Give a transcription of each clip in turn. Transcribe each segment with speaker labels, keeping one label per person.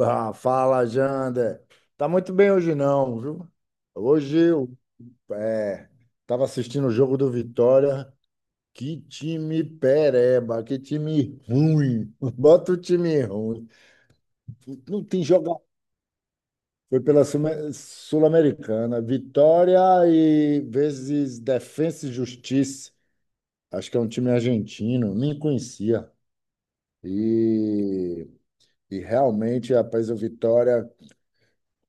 Speaker 1: Ah, fala, Jander. Tá muito bem hoje não, viu? Hoje eu é, tava assistindo o jogo do Vitória. Que time pereba, que time ruim. Bota o time ruim. Não tem jogador. Foi pela Sul-Americana. Vitória e vezes Defensa e Justiça. Acho que é um time argentino, nem conhecia. E, e realmente, rapaz, o Vitória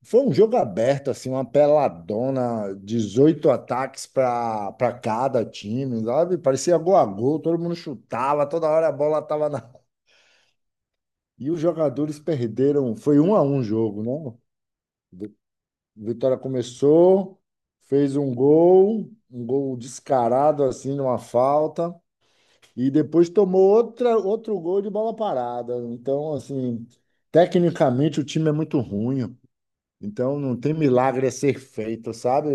Speaker 1: foi um jogo aberto, assim, uma peladona, 18 ataques para cada time, sabe? Parecia gol a gol, todo mundo chutava, toda hora a bola tava na. E os jogadores perderam, foi 1-1 o jogo, né? Vi- Vitória começou, fez um gol descarado, assim, numa falta, e depois tomou outra, outro gol de bola parada. Então, assim, tecnicamente o time é muito ruim. Então, não tem milagre a ser feito, sabe?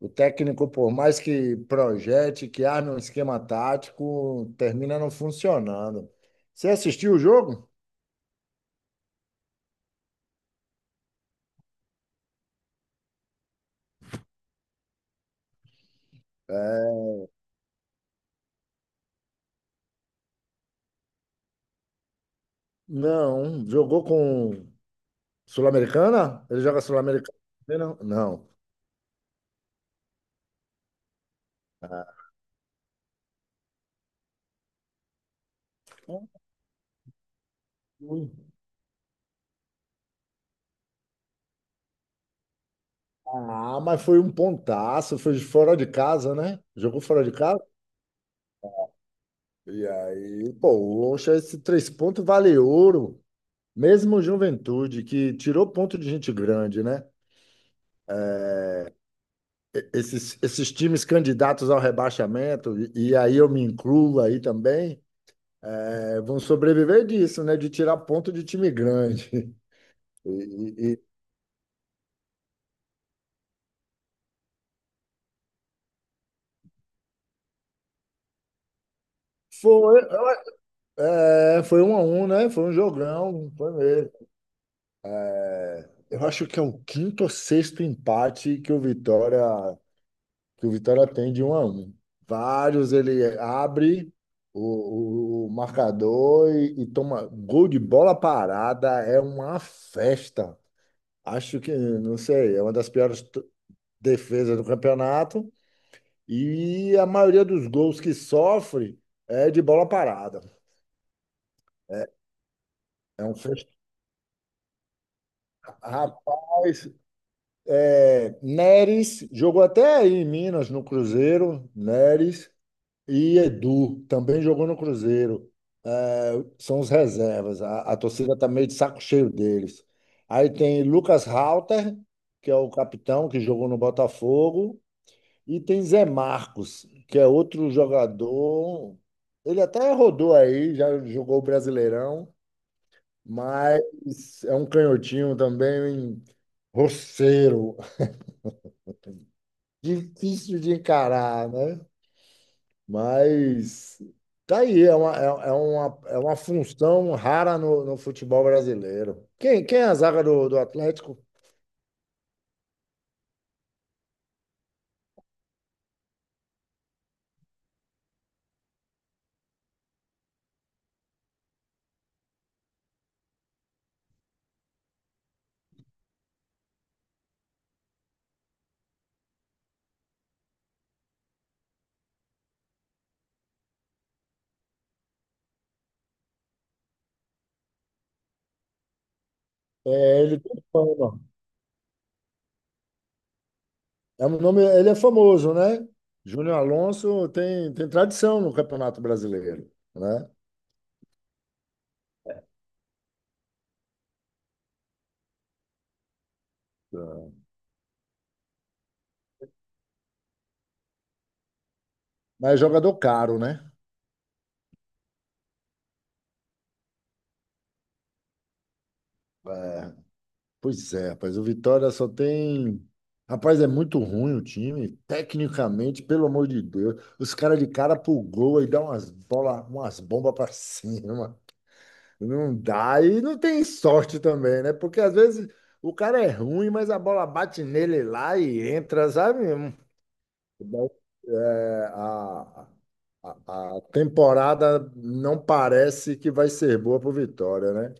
Speaker 1: O técnico, por mais que projete, que arme um esquema tático, termina não funcionando. Você assistiu o jogo? Não. Jogou com Sul-Americana? Ele joga Sul-Americana? Não. Não. Ah, Ah, mas foi um pontaço, foi fora de casa, né? Jogou fora de casa? E aí, poxa, esse 3 pontos vale ouro. Mesmo Juventude, que tirou ponto de gente grande, né? Esses times candidatos ao rebaixamento, e aí eu me incluo aí também, vão sobreviver disso, né? De tirar ponto de time grande. E, e- e foi, é, foi 1-1, né? Foi um jogão, foi mesmo. Eu acho que é o quinto ou sexto empate que o Vitória tem de 1-1. Vários ele abre o marcador e toma gol de bola parada, é uma festa. Acho que, não sei, é uma das piores defesas do campeonato e a maioria dos gols que sofre é de bola parada. É um fecho. Rapaz, Neres jogou até aí em Minas, no Cruzeiro, Neres e Edu também jogou no Cruzeiro. É, são os reservas. A torcida tá meio de saco cheio deles. Aí tem Lucas Halter, que é o capitão que jogou no Botafogo. E tem Zé Marcos, que é outro jogador. Ele até rodou aí, já jogou o Brasileirão, mas é um canhotinho também, um roceiro, difícil de encarar, né? Mas tá aí, é uma função rara no futebol brasileiro. Quem é a zaga do Atlético? É, ele tem fama. É um nome, ele é famoso, né? Júnior Alonso tem tradição no Campeonato Brasileiro, né? Mas é jogador caro, né? É, pois é, rapaz, o Vitória só tem. Rapaz, é muito ruim o time, tecnicamente, pelo amor de Deus. Os caras de cara pro gol e dá umas bola, umas bombas pra cima. Não dá. E não tem sorte também, né? Porque às vezes o cara é ruim, mas a bola bate nele lá e entra, sabe? É, A a temporada não parece que vai ser boa para o Vitória, né?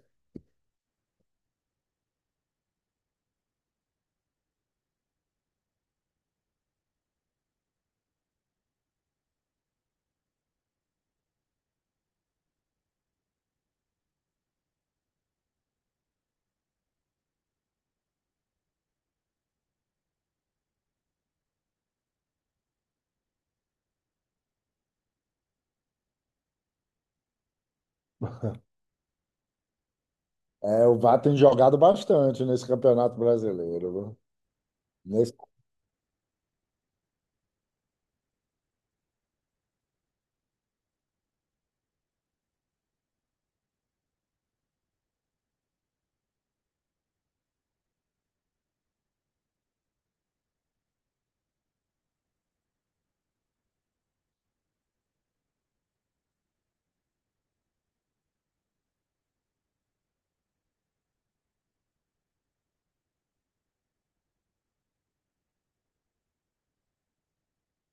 Speaker 1: É, o Vá tem jogado bastante nesse Campeonato Brasileiro, viu? Nesse...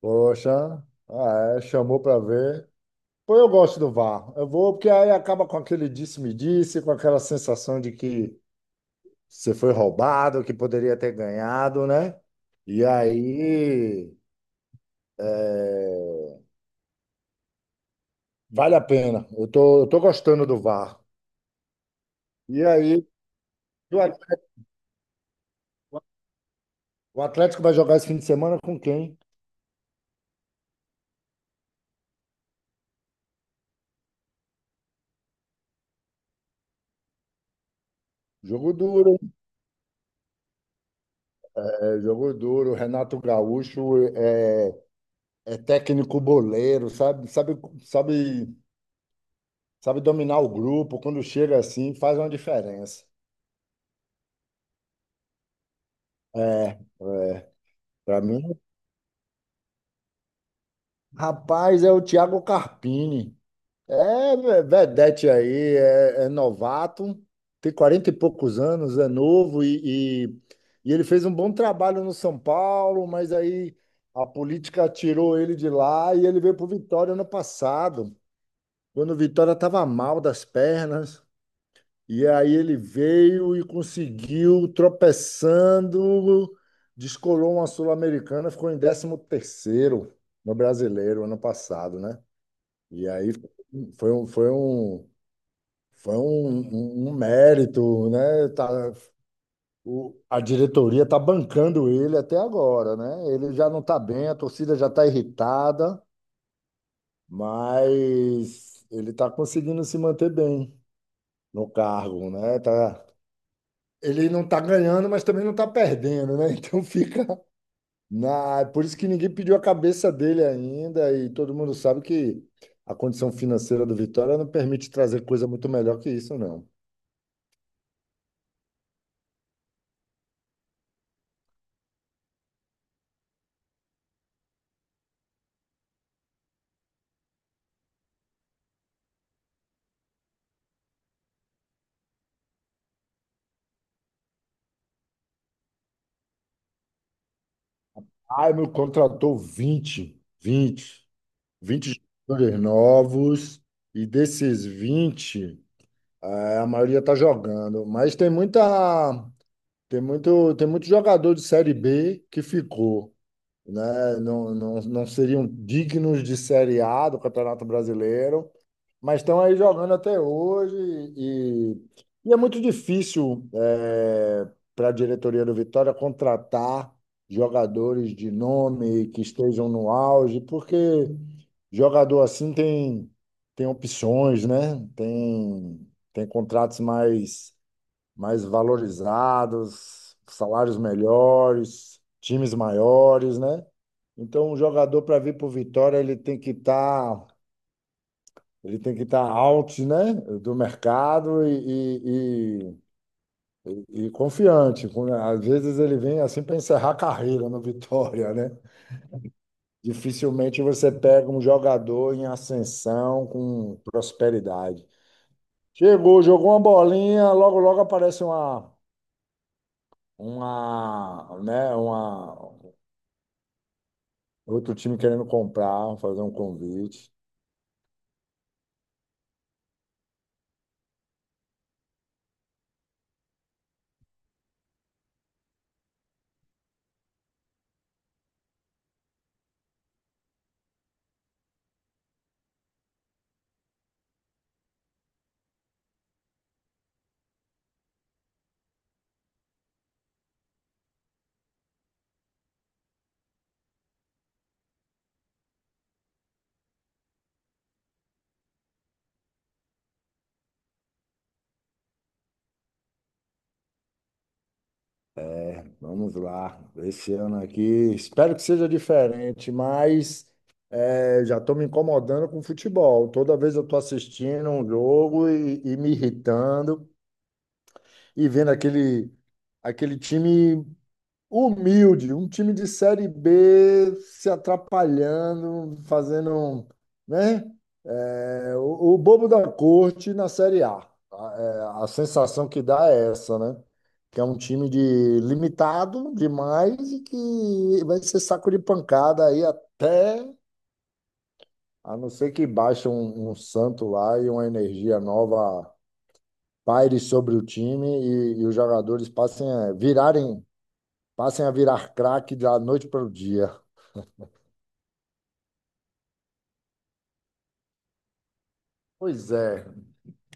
Speaker 1: Poxa, ah, é, chamou para ver. Pô, eu gosto do VAR. Eu vou, porque aí acaba com aquele disse-me-disse, com aquela sensação de que você foi roubado, que poderia ter ganhado, né? E aí, é, vale a pena. Eu tô gostando do VAR. E aí, o Atlético vai jogar esse fim de semana com quem? Jogo duro, é, jogo duro. Renato Gaúcho é técnico boleiro, sabe, sabe dominar o grupo. Quando chega assim, faz uma diferença. É, é. Para mim, rapaz, é o Thiago Carpini. É vedete aí, é novato, tem 40 e poucos anos, é novo e ele fez um bom trabalho no São Paulo, mas aí a política tirou ele de lá e ele veio para o Vitória ano passado, quando o Vitória estava mal das pernas. E aí ele veio e conseguiu, tropeçando, descolou uma Sul-Americana, ficou em décimo terceiro no Brasileiro ano passado, né? E aí foi um, foi um foi um mérito, né? Tá, o- a diretoria está bancando ele até agora, né? Ele já não está bem, a torcida já está irritada, mas ele está conseguindo se manter bem no cargo, né? Tá, ele não está ganhando, mas também não está perdendo, né? Então fica na... Por isso que ninguém pediu a cabeça dele ainda, e todo mundo sabe que a condição financeira do Vitória não permite trazer coisa muito melhor que isso, não. Ah, meu contratou vinte jogadores novos, e desses 20 a maioria está jogando. Mas tem muito jogador de Série B que ficou, né? Não, não, não seriam dignos de Série A do Campeonato Brasileiro, mas estão aí jogando até hoje e, e é muito difícil para a diretoria do Vitória contratar jogadores de nome que estejam no auge, porque jogador assim tem opções, né? Tem, tem contratos mais valorizados, salários melhores, times maiores, né? Então, um jogador para vir para o Vitória, ele tem que estar out, né, do mercado e confiante. Às vezes ele vem assim para encerrar a carreira no Vitória, né? Dificilmente você pega um jogador em ascensão com prosperidade. Chegou, jogou uma bolinha, logo logo aparece uma, né, uma outro time querendo comprar, fazer um convite. É, vamos lá. Esse ano aqui, espero que seja diferente, mas já estou me incomodando com o futebol. Toda vez eu estou assistindo um jogo e me irritando e vendo aquele time. Humilde, um time de Série B se atrapalhando, fazendo, um, né? É, o bobo da corte na Série A. A, a sensação que dá é essa, né? Que é um time de limitado demais e que vai ser saco de pancada aí até, a não ser que baixe um santo lá e uma energia nova paire sobre o time e os jogadores passem a virar craque da noite para o dia. Pois é.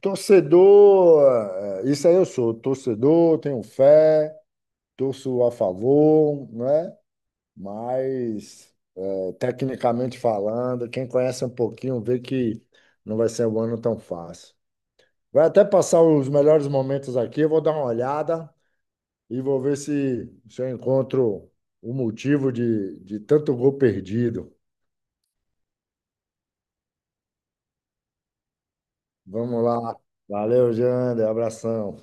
Speaker 1: Torcedor, isso aí eu sou. Torcedor, tenho fé, torço a favor, né? Mas, tecnicamente falando, quem conhece um pouquinho vê que não vai ser um ano tão fácil. Vai até passar os melhores momentos aqui, eu vou dar uma olhada e vou ver se eu encontro o motivo de tanto gol perdido. Vamos lá. Valeu, Jander. Abração.